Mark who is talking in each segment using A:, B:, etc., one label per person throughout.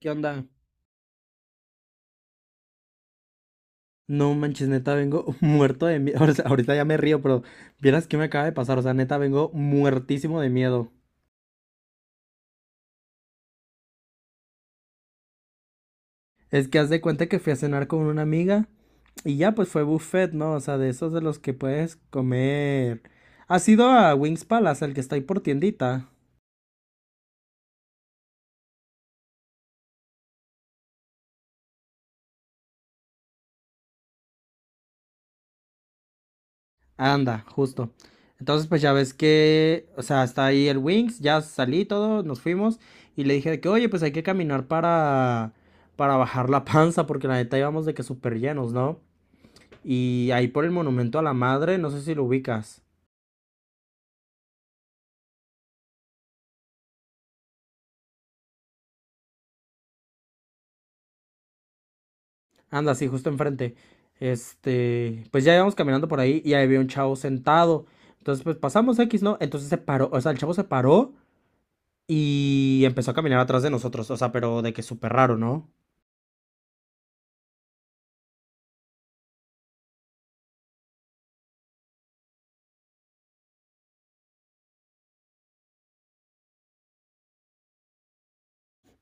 A: ¿Qué onda? No manches, neta, vengo muerto de miedo. Ahorita ya me río, pero vieras qué me acaba de pasar. O sea, neta, vengo muertísimo de miedo. Es que haz de cuenta que fui a cenar con una amiga y ya pues fue buffet, ¿no? O sea, de esos de los que puedes comer. ¿Has ido a Wings Palace, el que está ahí por tiendita? Anda, justo. Entonces, pues ya ves que, o sea, está ahí el Wings, ya salí y todo, nos fuimos y le dije de que, oye, pues hay que caminar para bajar la panza porque la neta íbamos de que súper llenos, ¿no? Y ahí por el monumento a la madre, no sé si lo ubicas. Anda, sí, justo enfrente. Este, pues ya íbamos caminando por ahí y ahí había un chavo sentado. Entonces, pues pasamos X, ¿no? Entonces se paró, o sea, el chavo se paró y empezó a caminar atrás de nosotros, o sea, pero de que súper raro, ¿no?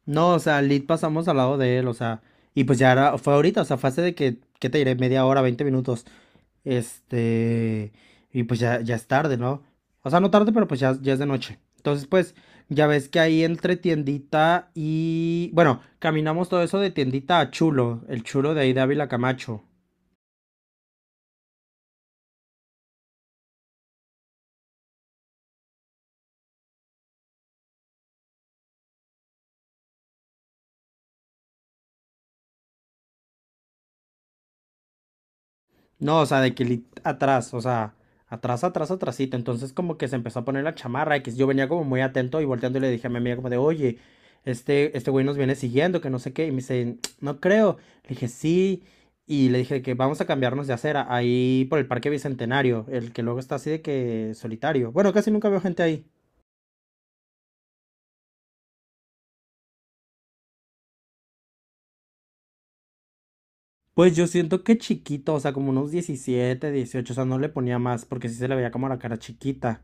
A: No, o sea, lit pasamos al lado de él, o sea, y pues ya era, fue ahorita, o sea, fue hace de que, ¿qué te diré? Media hora, 20 minutos. Este, y pues ya es tarde, ¿no? O sea, no tarde, pero pues ya es de noche. Entonces, pues, ya ves que ahí entre tiendita y, bueno, caminamos todo eso de tiendita a Chulo, el Chulo de ahí de Ávila Camacho. No, o sea, de que atrás, o sea, atrás, atrás, atrásito. Entonces como que se empezó a poner la chamarra y que yo venía como muy atento y volteando y le dije a mi amiga como de, oye, este güey nos viene siguiendo, que no sé qué. Y me dice, no creo. Le dije, sí. Y le dije que vamos a cambiarnos de acera ahí por el Parque Bicentenario, el que luego está así de que solitario. Bueno, casi nunca veo gente ahí. Pues yo siento que chiquito, o sea, como unos 17, 18. O sea, no le ponía más porque sí se le veía como la cara chiquita.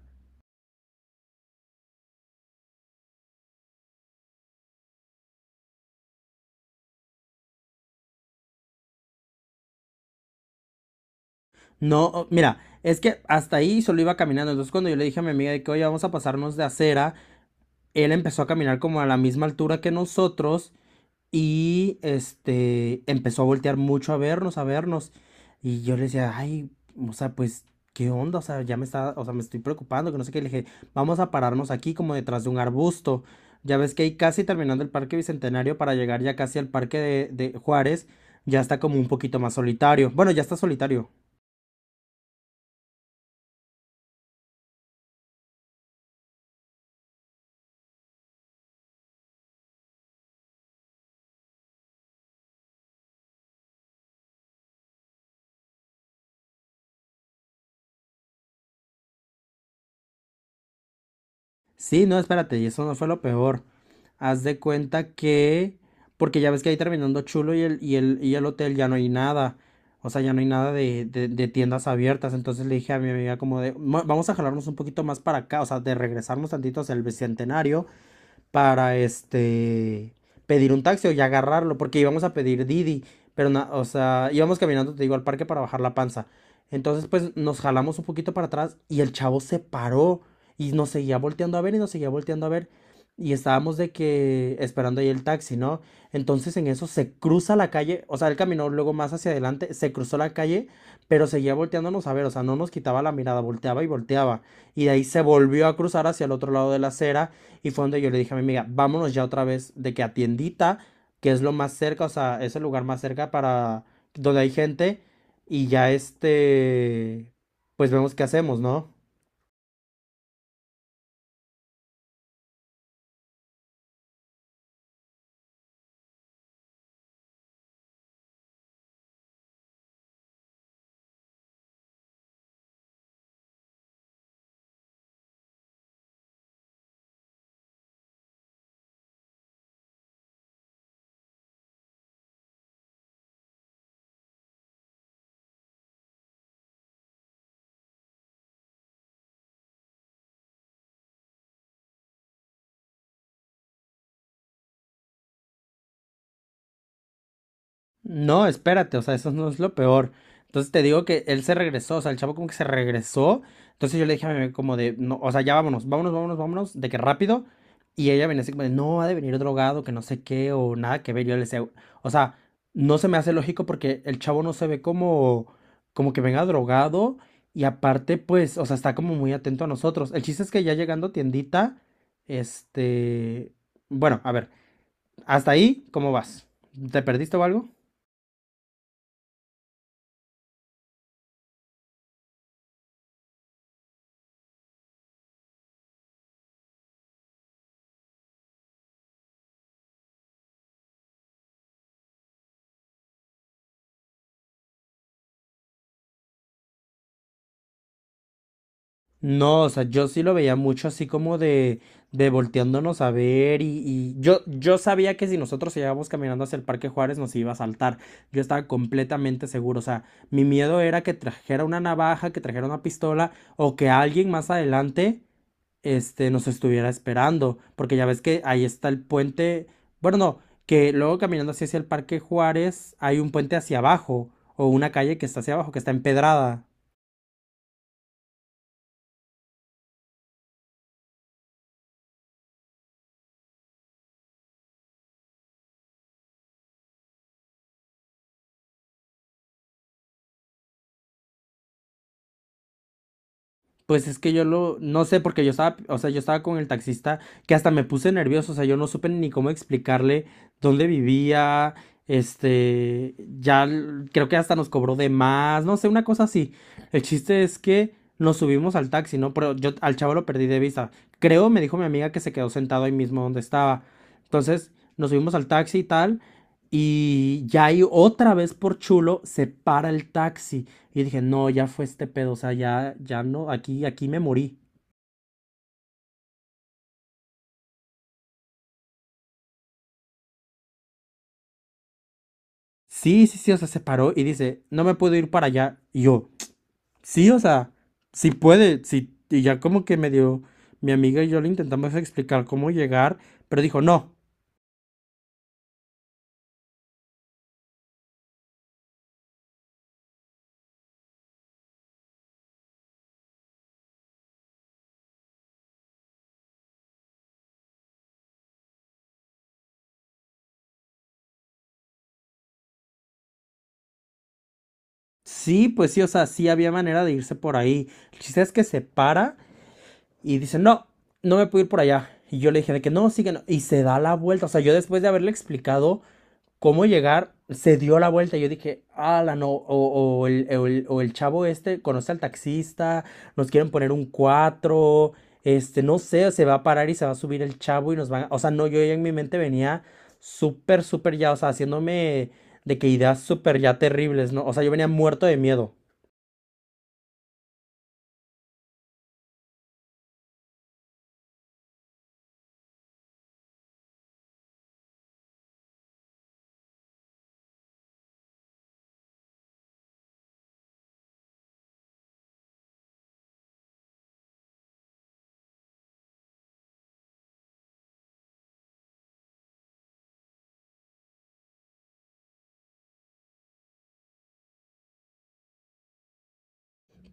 A: No, mira, es que hasta ahí solo iba caminando. Entonces, cuando yo le dije a mi amiga de que, oye, vamos a pasarnos de acera, él empezó a caminar como a la misma altura que nosotros y este empezó a voltear mucho a vernos, a vernos. Y yo le decía, ay, o sea, pues, ¿qué onda? O sea, ya me está, o sea, me estoy preocupando, que no sé qué. Le dije, vamos a pararnos aquí como detrás de un arbusto. Ya ves que ahí casi terminando el Parque Bicentenario para llegar ya casi al Parque de Juárez, ya está como un poquito más solitario. Bueno, ya está solitario. Sí, no, espérate, y eso no fue lo peor. Haz de cuenta que, porque ya ves que ahí terminando chulo y el hotel ya no hay nada. O sea, ya no hay nada de tiendas abiertas. Entonces le dije a mi amiga como de: Vamos a jalarnos un poquito más para acá, o sea, de regresarnos tantito hacia el Bicentenario para este pedir un taxi o ya agarrarlo, porque íbamos a pedir Didi, pero o sea, íbamos caminando, te digo, al parque para bajar la panza. Entonces, pues nos jalamos un poquito para atrás y el chavo se paró y nos seguía volteando a ver y nos seguía volteando a ver y estábamos de que esperando ahí el taxi, ¿no? Entonces en eso se cruza la calle, o sea, él caminó luego más hacia adelante, se cruzó la calle, pero seguía volteándonos a ver, o sea, no nos quitaba la mirada, volteaba y volteaba. Y de ahí se volvió a cruzar hacia el otro lado de la acera y fue donde yo le dije a mi amiga, vámonos ya otra vez de que a tiendita, que es lo más cerca, o sea, es el lugar más cerca para donde hay gente. Y ya este, pues vemos qué hacemos, ¿no? No, espérate, o sea, eso no es lo peor. Entonces te digo que él se regresó, o sea, el chavo como que se regresó. Entonces yo le dije a mi mamá como de, no, o sea, ya vámonos, vámonos, vámonos, vámonos, de que rápido. Y ella venía así como de, no, ha de venir drogado, que no sé qué, o nada que ver. Yo le decía, o sea, no se me hace lógico porque el chavo no se ve como que venga drogado. Y aparte, pues, o sea, está como muy atento a nosotros. El chiste es que ya llegando a tiendita, este, bueno, a ver, hasta ahí, ¿cómo vas? ¿Te perdiste o algo? No, o sea, yo sí lo veía mucho así como de volteándonos a ver y yo sabía que si nosotros llegábamos caminando hacia el Parque Juárez nos iba a saltar. Yo estaba completamente seguro. O sea, mi miedo era que trajera una navaja, que trajera una pistola o que alguien más adelante, este, nos estuviera esperando. Porque ya ves que ahí está el puente. Bueno, no, que luego caminando así hacia el Parque Juárez hay un puente hacia abajo o una calle que está hacia abajo, que está empedrada. Pues es que yo lo, no sé, porque yo estaba, o sea, yo estaba con el taxista que hasta me puse nervioso, o sea, yo no supe ni cómo explicarle dónde vivía, este, creo que hasta nos cobró de más, no sé, una cosa así. El chiste es que nos subimos al taxi, ¿no? Pero yo al chavo lo perdí de vista. Creo, me dijo mi amiga que se quedó sentado ahí mismo donde estaba. Entonces, nos subimos al taxi y tal, y ya ahí otra vez por chulo se para el taxi. Y dije, no, ya fue este pedo, o sea, ya no, aquí me morí. Sí, sí, sí, o sea, se paró y dice, no me puedo ir para allá. Y yo, sí, o sea, sí puede, sí. Y ya como que me dio, mi amiga y yo le intentamos explicar cómo llegar, pero dijo, no, sí, pues sí, o sea, sí había manera de irse por ahí. El chiste es que se para y dice, no, no me puedo ir por allá. Y yo le dije de que no, sí que no. Y se da la vuelta. O sea, yo después de haberle explicado cómo llegar, se dio la vuelta. Y yo dije, ala, no, o el chavo este conoce al taxista, nos quieren poner un 4 este, no sé, se va a parar y se va a subir el chavo y nos van a... O sea, no, yo ya en mi mente venía súper, súper ya, o sea, haciéndome de que ideas súper ya terribles, ¿no? O sea, yo venía muerto de miedo.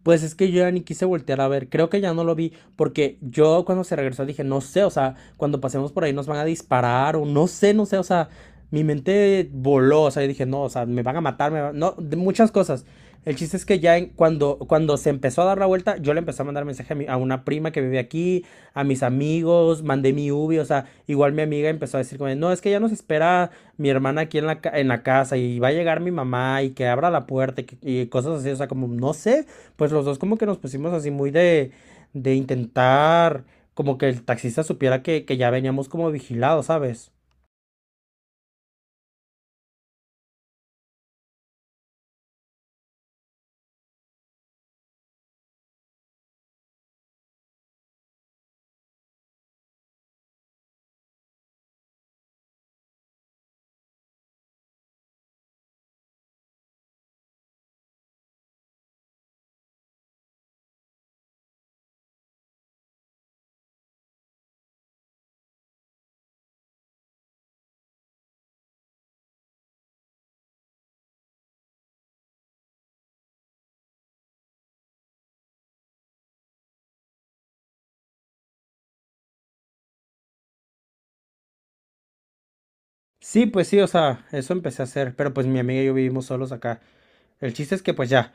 A: Pues es que yo ya ni quise voltear a ver, creo que ya no lo vi, porque yo cuando se regresó dije, no sé, o sea, cuando pasemos por ahí nos van a disparar, o no sé, no sé, o sea, mi mente voló, o sea, yo dije, no, o sea, me van a matar, no, de muchas cosas. El chiste es que ya cuando se empezó a dar la vuelta, yo le empecé a mandar mensaje a una prima que vive aquí, a mis amigos, mandé mi ubi, o sea, igual mi amiga empezó a decir como, no, es que ya nos espera mi hermana aquí en en la casa y va a llegar mi mamá y que abra la puerta y cosas así, o sea, como, no sé, pues los dos como que nos pusimos así muy de intentar como que el taxista supiera que ya veníamos como vigilados, ¿sabes? Sí, pues sí, o sea, eso empecé a hacer, pero pues mi amiga y yo vivimos solos acá. El chiste es que pues ya,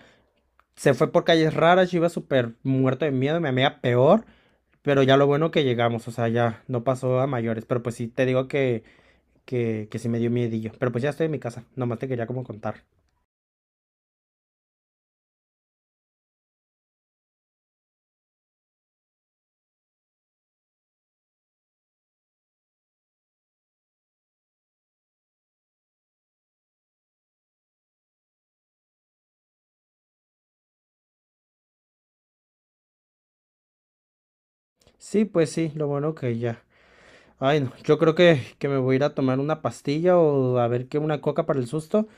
A: se fue por calles raras, yo iba súper muerto de miedo, mi amiga peor, pero ya lo bueno que llegamos, o sea, ya no pasó a mayores, pero pues sí, te digo que sí me dio miedillo, pero pues ya estoy en mi casa, nomás te quería como contar. Sí, pues sí, lo bueno que ya. Ay, no, yo creo que me voy a ir a tomar una pastilla o a ver qué una coca para el susto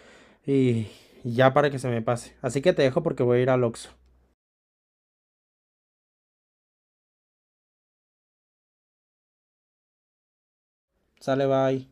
A: y, y ya para que se me pase. Así que te dejo porque voy a ir al Oxxo. Sale, bye.